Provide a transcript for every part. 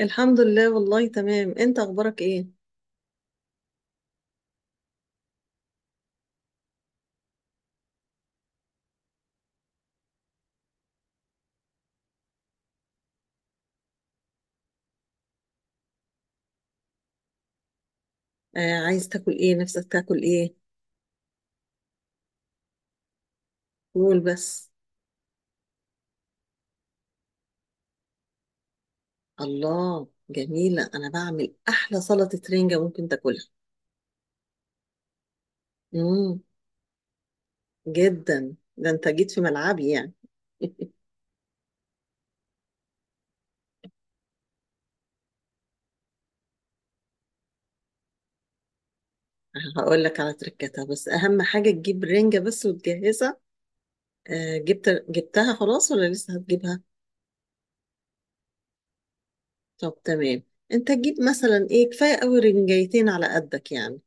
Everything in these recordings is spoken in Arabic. الحمد لله، والله تمام. انت اخبارك ايه؟ آه، عايز تاكل ايه؟ نفسك تاكل ايه؟ قول بس. الله، جميلة. انا بعمل احلى سلطة رنجة ممكن تاكلها. امم. جدا، ده انت جيت في ملعبي يعني. هقول لك على تركتها، بس اهم حاجة تجيب رنجة بس وتجهزها. آه، جبتها خلاص ولا لسه هتجيبها؟ طب تمام. انت تجيب مثلا ايه، كفاية قوي رنجايتين على قدك يعني.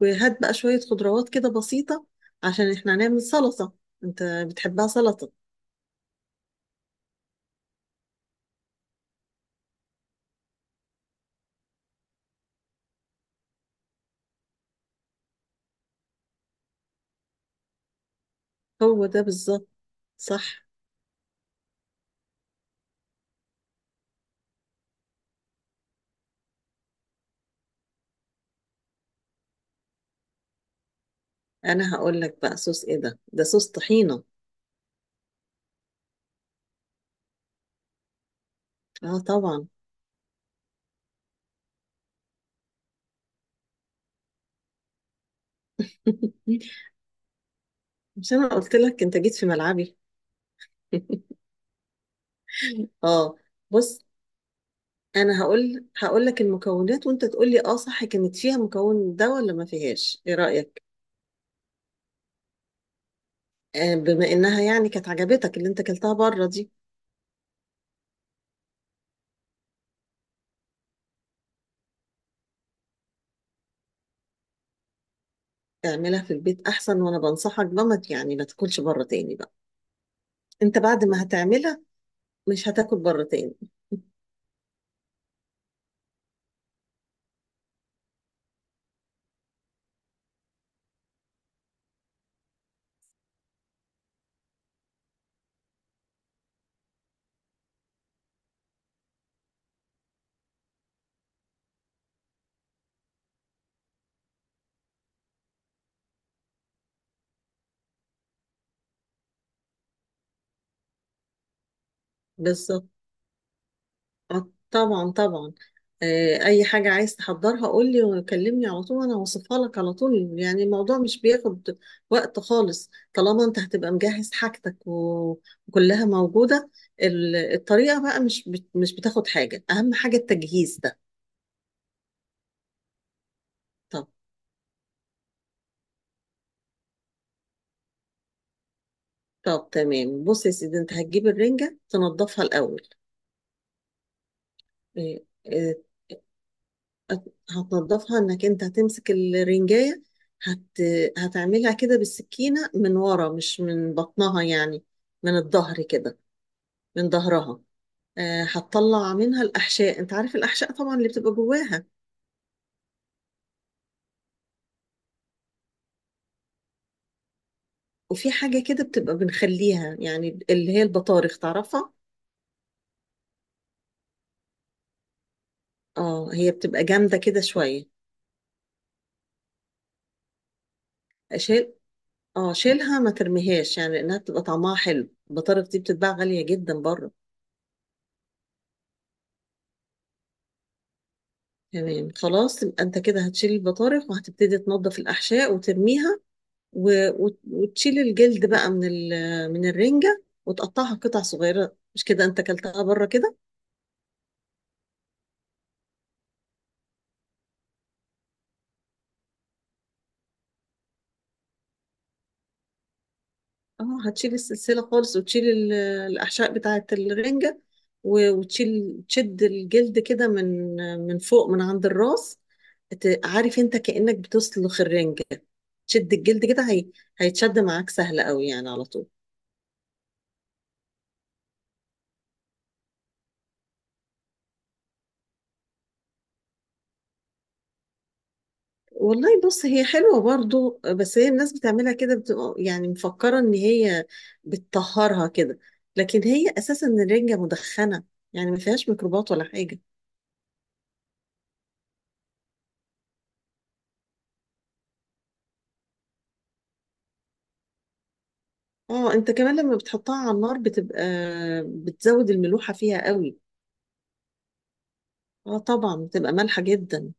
وهات بقى شوية خضروات كده بسيطة عشان احنا هنعمل سلطة. انت بتحبها سلطة؟ هو ده بالظبط، صح. انا هقول لك بقى صوص ايه، ده صوص طحينة. اه، طبعا. مش انا قلت لك انت جيت في ملعبي؟ اه. بص. انا هقول لك المكونات وانت تقول لي، اه صح كانت فيها مكون ده ولا ما فيهاش. ايه رأيك؟ بما انها يعني كانت عجبتك اللي انت اكلتها بره دي. اعملها في البيت احسن، وانا بنصحك بمت، يعني ما تاكلش بره تاني بقى. انت بعد ما هتعملها مش هتاكل بره تاني. بالظبط، آه، طبعا طبعا. اي حاجة عايز تحضرها قول لي وكلمني على طول، انا هوصفها لك على طول. يعني الموضوع مش بياخد وقت خالص طالما انت هتبقى مجهز حاجتك وكلها موجودة. الطريقة بقى مش بتاخد حاجة. اهم حاجة التجهيز ده. طب، طب تمام، بص يا سيدي. انت هتجيب الرنجة تنضفها الاول. آه، آه، هتنضفها انك انت هتمسك الرنجاية. هت... هتعملها كده بالسكينة من ورا مش من بطنها يعني، من الظهر كده. من ظهرها. هتطلع منها الأحشاء. انت عارف الأحشاء طبعا اللي بتبقى جواها. وفي حاجة كده بتبقى بنخليها يعني، اللي هي البطارخ، تعرفها؟ اه، هي بتبقى جامدة كده شوية. شيل اه، شيلها ما ترميهاش يعني، لأنها بتبقى طعمها حلو. البطارخ دي بتتباع غالية جدا بره. تمام خلاص، يبقى انت كده هتشيل البطارخ وهتبتدي تنظف الأحشاء وترميها، و... وتشيل الجلد بقى من الرنجة وتقطعها قطع صغيرة. مش كده انت كلتها بره كده؟ اه، هتشيل السلسلة خالص وتشيل الأحشاء بتاعة الرنجة. و... وتشيل تشد الجلد كده من فوق، من عند الراس. عارف انت كأنك بتسلخ الرنجة. تشد الجلد كده هيتشد معاك سهل قوي يعني، على طول. والله بص، هي حلوة برضو، بس هي الناس بتعملها كده بتبقى يعني مفكرة ان هي بتطهرها كده. لكن هي اساسا الرنجة مدخنة، يعني ما فيهاش ميكروبات ولا حاجة. اه، انت كمان لما بتحطها على النار بتبقى بتزود الملوحة فيها قوي. اه، طبعا بتبقى مالحة جدا.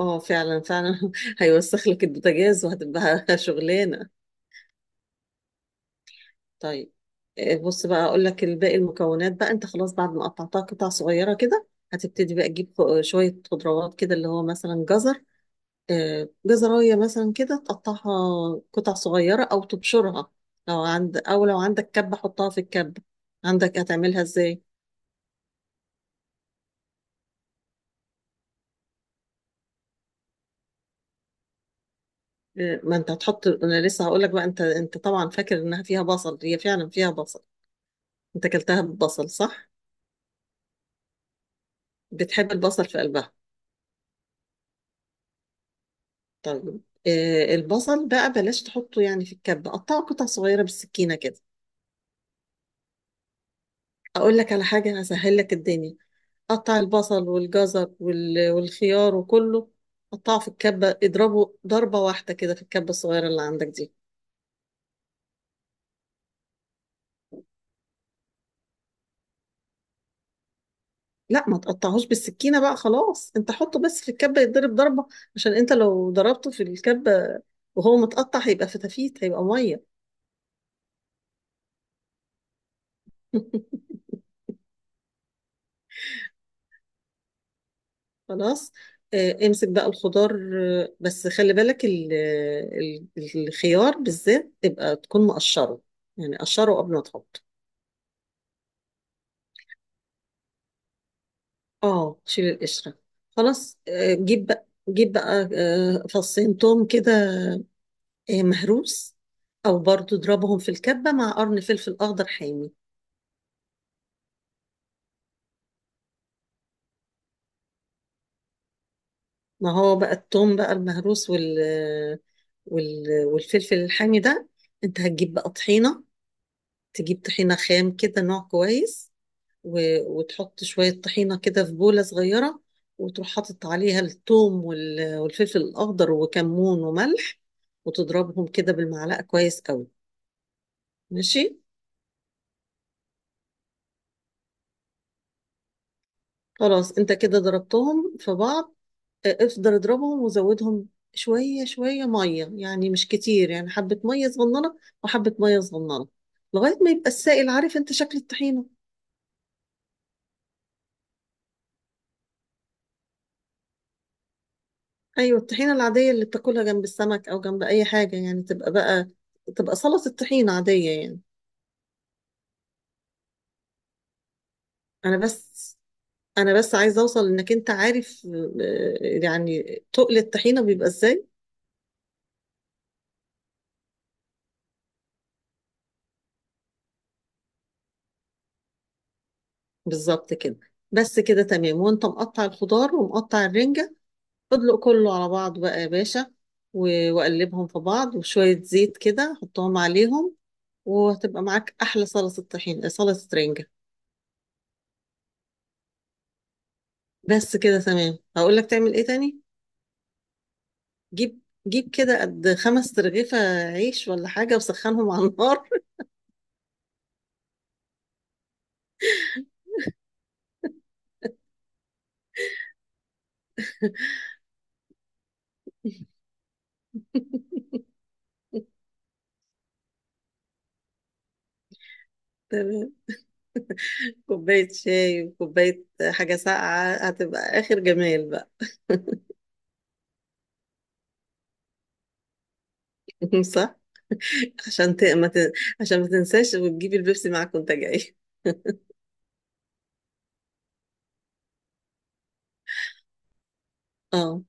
اه، فعلا فعلا، هيوسخ لك البوتاجاز وهتبقى شغلانة. طيب. بص بقى اقول لك الباقي المكونات بقى، انت خلاص بعد ما قطعتها قطع صغيره كده. هتبتدي بقى تجيب شويه خضروات كده، اللي هو مثلا جزر. جزرايه مثلا كده تقطعها قطع صغيره او تبشرها. لو عندك كبه حطها في الكبه. عندك هتعملها ازاي؟ آه، ما انت هتحط، انا لسه هقول لك بقى. انت طبعا فاكر انها فيها بصل، هي فعلا فيها بصل. انت اكلتها ببصل، صح؟ بتحب البصل في قلبها؟ طيب. البصل بقى بلاش تحطه يعني في الكبة، قطعه قطع صغيرة بالسكينة كده. أقول لك على حاجة هسهل لك الدنيا. قطع البصل والجزر والخيار وكله. قطعه في الكبة، اضربه ضربة واحدة كده في الكبة الصغيرة اللي عندك دي. لا، ما تقطعهوش بالسكينة بقى خلاص. انت حطه بس في الكبة يتضرب ضربة. عشان انت لو ضربته في الكبة وهو متقطع هيبقى فتافيت، هيبقى مية. خلاص. امسك بقى الخضار. بس خلي بالك الخيار بالذات تبقى تكون مقشره. يعني قشره قبل ما تحط. اه، شيل القشرة. خلاص. جيب بقى جيب بقى فصين توم كده. مهروس. او برضو اضربهم في الكبة مع قرن فلفل اخضر حامي. ما هو بقى التوم بقى المهروس والفلفل الحامي ده. انت هتجيب بقى طحينة. تجيب طحينة خام كده نوع كويس. وتحط شوية طحينة كده في بولة صغيرة. وتروح حاطط عليها الثوم والفلفل الأخضر وكمون وملح. وتضربهم كده بالمعلقة كويس قوي. ماشي. خلاص، انت كده ضربتهم في بعض. اه، افضل اضربهم وزودهم. شوية شوية مية يعني، مش كتير، يعني حبة مية صغننة. وحبة مية صغننة. لغاية ما يبقى السائل. عارف انت شكل الطحينة؟ ايوه، الطحينة العادية اللي بتاكلها جنب السمك او جنب اي حاجة، يعني تبقى سلطة الطحينة عادية يعني. انا بس انا بس عايزه اوصل انك انت عارف، يعني تقل الطحينه بيبقى ازاي. بالظبط كده. بس كده تمام، وانت مقطع الخضار ومقطع الرنجه. ادلق كله على بعض بقى يا باشا، وقلبهم في بعض، وشويه زيت كده حطهم عليهم. وهتبقى معاك احلى صلصه طحين، صلصه رنجه. بس كده تمام، هقول لك تعمل ايه تاني. جيب جيب كده قد خمس ترغيفه عيش ولا حاجه، وسخنهم على النار. تمام. كوباية شاي وكوباية حاجة ساقعة، هتبقى آخر جمال بقى. صح؟ عشان ت... ما ت... عشان ما تنساش وتجيبي البيبسي معاك وانت جاي. اه،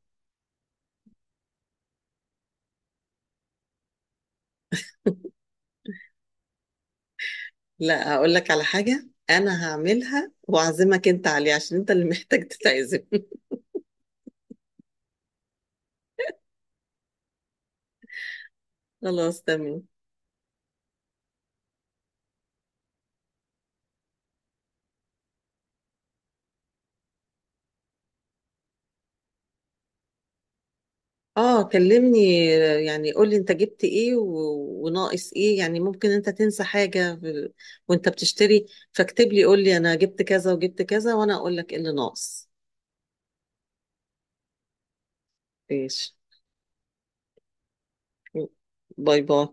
لا، هقول لك على حاجة. أنا هعملها وأعزمك أنت عليه، عشان أنت اللي محتاج تتعزم. خلاص تمام. اه، كلمني، يعني قولي انت جبت ايه وناقص ايه. يعني ممكن انت تنسى حاجة وانت بتشتري. فاكتب لي، قولي انا جبت كذا وجبت كذا، وانا اقول لك ايه اللي ناقص. ايش؟ باي باي.